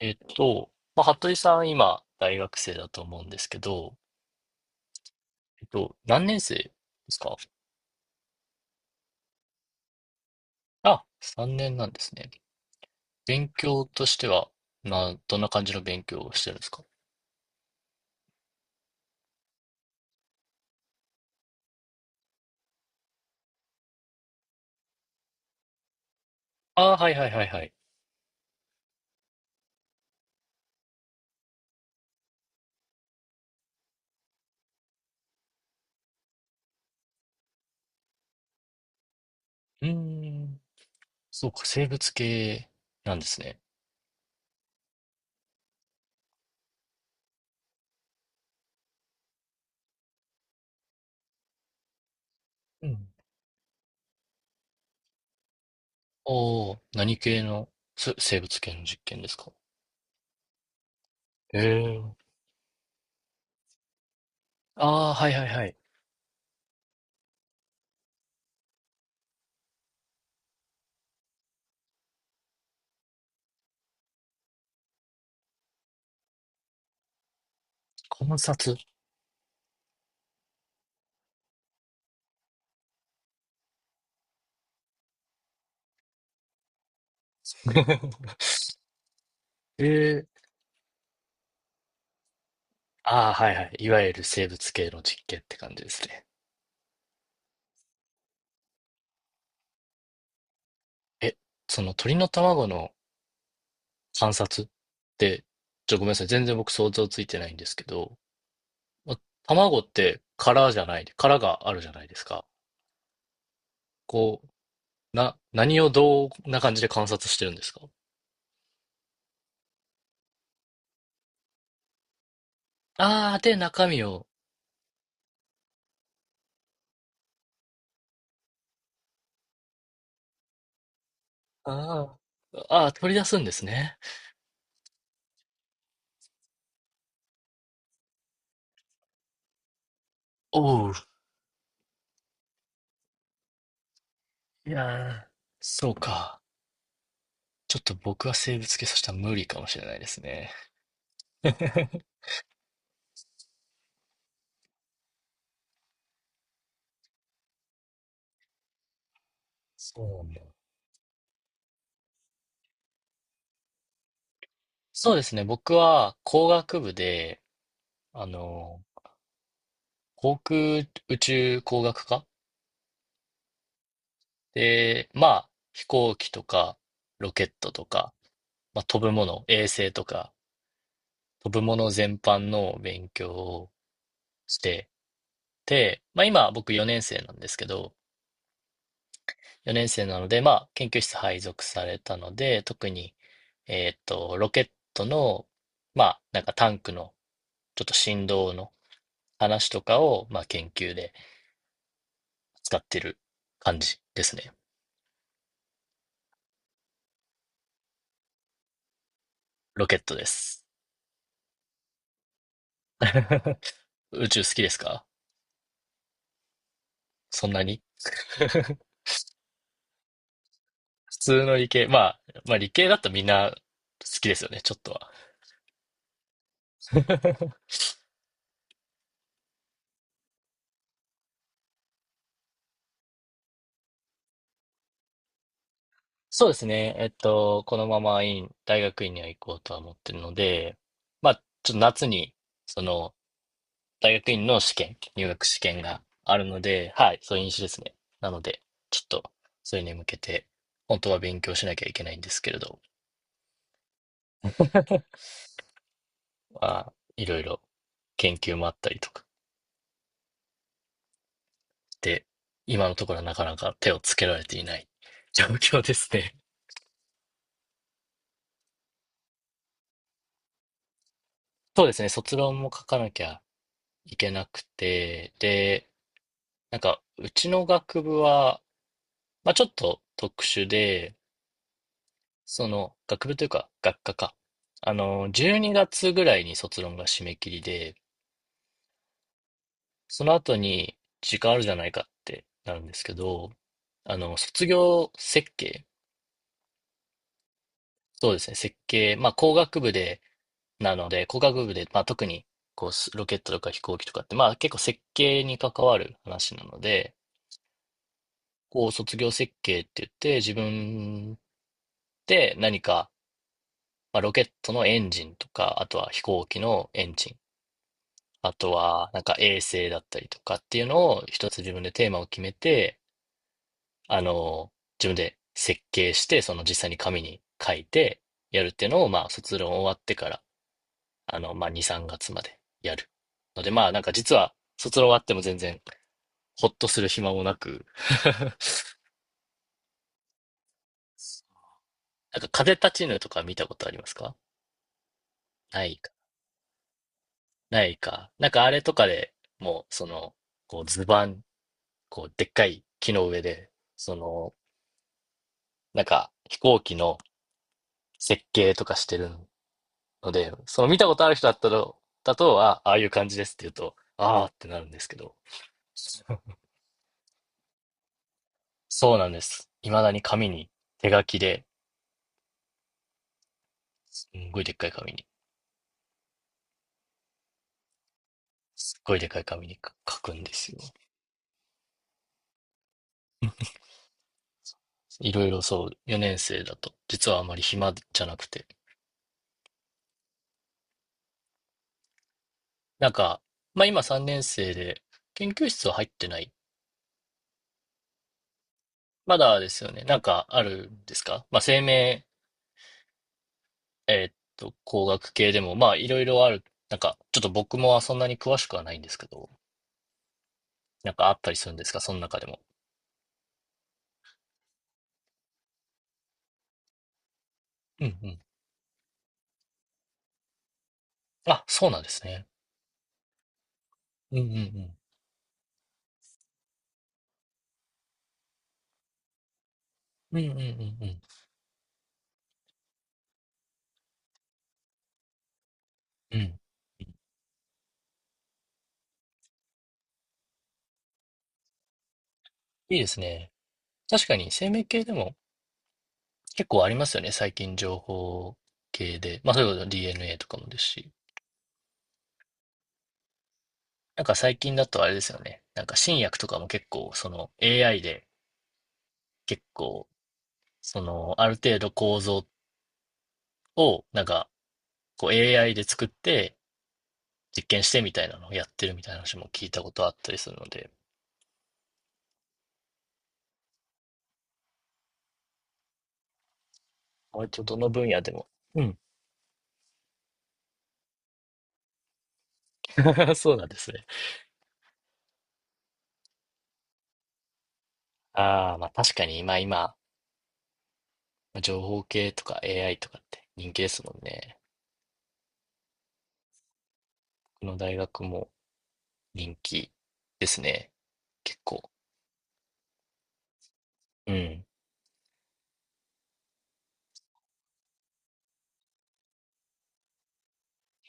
まあ、服部さん、今、大学生だと思うんですけど、何年生ですかあ？3年なんですね。勉強としては、どんな感じの勉強をしてるんですか？ああー、はいはいはいはい。うーん、そうか、生物系なんですね。うん。おー、何系の生物系の実験ですか？ええ。ああー、はいはいはい。観察。 ええ。ああ、はいはい。いわゆる生物系の実験って感じですね。え、その鳥の卵の観察って、ごめんなさい。全然僕想像ついてないんですけど、ま卵って殻じゃない、殻があるじゃないですか。こう、何をどんな感じで観察してるんですか？ああー、で、中身を、あー取り出すんですね。おう。いやー、そうか。ちょっと僕は生物系そしたら無理かもしれないですね。そうなんだ。そうですね。僕は工学部で、あの、航空宇宙工学科で、まあ、飛行機とか、ロケットとか、まあ、飛ぶもの、衛星とか、飛ぶもの全般の勉強をしてて、まあ、今僕4年生なんですけど、4年生なので、まあ、研究室配属されたので、特に、ロケットの、まあ、なんかタンクの、ちょっと振動の話とかを、まあ、研究で使ってる感じですね。ロケットです。宇宙好きですか？そんなに？普通の理系、まあ理系だとみんな好きですよね、ちょっとは。そうですね。このまま大学院には行こうとは思ってるので、まあ、ちょっと夏に、その、大学院の試験、入学試験があるので、はい、そういう飲酒ですね。なので、ちょっと、それに向けて、本当は勉強しなきゃいけないんですけれど、まあ、いろいろ研究もあったりとかで、今のところはなかなか手をつけられていない状況ですね。そうですね、卒論も書かなきゃいけなくて、で、なんか、うちの学部は、まあちょっと特殊で、その、学部というか、学科か。あの、12月ぐらいに卒論が締め切りで、その後に時間あるじゃないかってなるんですけど、あの、卒業設計、そうですね、設計、まあ工学部で、なので、工学部で、まあ特に、こう、ロケットとか飛行機とかって、まあ結構設計に関わる話なので、こう、卒業設計って言って、自分で何か、まあ、ロケットのエンジンとか、あとは飛行機のエンジン、あとはなんか衛星だったりとかっていうのを一つ自分でテーマを決めて、あの、自分で設計して、その実際に紙に書いてやるっていうのを、まあ、卒論終わってから、あの、まあ、2、3月までやる。ので、まあ、なんか実は、卒論終わっても全然、ほっとする暇もなく、なんか風立ちぬとか見たことありますか？ない。ないか。なんかあれとかでもう、その、こう図板、こうでっかい木の上で、その、なんか飛行機の設計とかしてるので、その見たことある人だったら、だとは、ああいう感じですって言うと、ああってなるんですけど。そうなんです。未だに紙に、手書きで、すんごいでっかい紙に、すっごいでっかい紙に書くんですよ。いろいろそう、4年生だと、実はあまり暇じゃなくて。なんか、まあ今3年生で、研究室は入ってない。まだですよね。なんかあるんですか？まあ、生命、工学系でも、まあ、いろいろある。なんか、ちょっと僕もそんなに詳しくはないんですけど、なんかあったりするんですか、その中でも？うんうん。あ、そうなんですね。うんうんうん。うんうんうんうん。うん。いいですね。確かに生命系でも結構ありますよね。最近情報系で。まあ、そういうこと DNA とかもですし。なんか最近だとあれですよね。なんか新薬とかも結構、その AI で結構、その、ある程度構造を、なんか、こう AI で作って実験してみたいなのをやってるみたいな話も聞いたことあったりするので、割とどの分野でも。うん。そうなんですね。ああ、まあ確かに、今、情報系とか AI とかって人気ですもんね。この大学も人気ですね。結構。うん。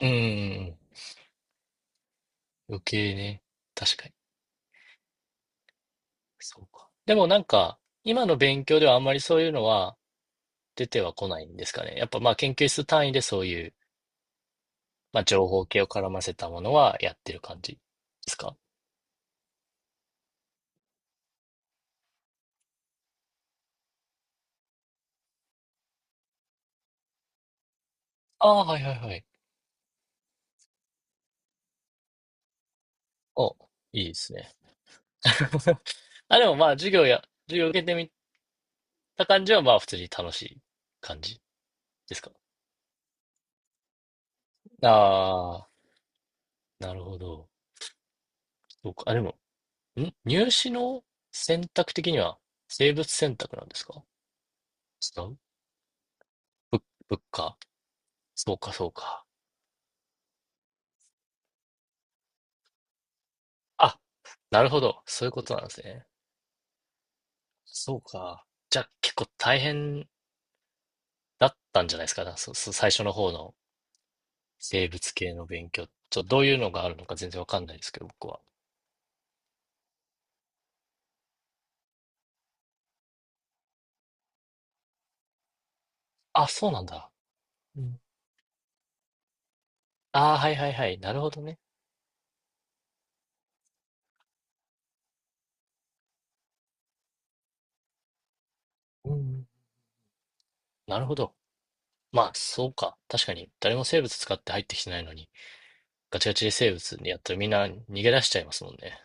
うん、うんうん余計ね。確かに。そうか。でもなんか、今の勉強ではあんまりそういうのは出てはこないんですかね。やっぱまあ研究室単位でそういうまあ、情報系を絡ませたものはやってる感じですか？ああー、はいはいはい。お、いいですね。あ、でもまあ、授業受けてみた感じは、まあ、普通に楽しい感じですか？ああー、なるほど。そうか。あ、でも、入試の選択的には、生物選択なんですか？違う？ぶ物価そうか、そうか。あ、なるほど。そういうことなんですね。そうか。じゃあ、結構大変だったんじゃないですか、最初の方の。生物系の勉強。ちょっとどういうのがあるのか全然わかんないですけど、僕は。あ、そうなんだ。うん。ああ、はいはいはい。なるほどね。うん。なるほど。まあ、そうか。確かに、誰も生物使って入ってきてないのに、ガチガチで生物にやったらみんな逃げ出しちゃいますもんね。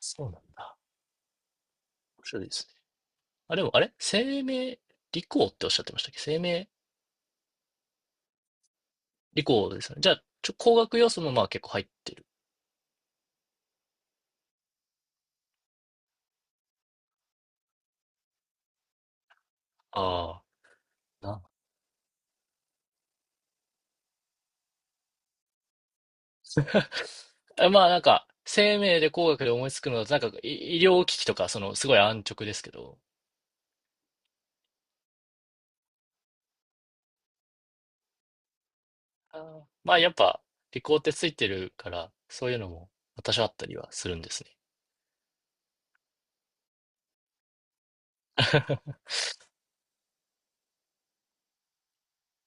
そうなんだ。面白いですね。あ、でも、あれ生命理工っておっしゃってましたっけ？生命理工ですよね。じゃあ、工学要素もまあ結構入ってる。ああ。なまあなんか、生命で工学で思いつくのだと、なんか医療機器とか、そのすごい安直ですけど、あーまあやっぱ、理工ってついてるから、そういうのも私はあったりはするんですね。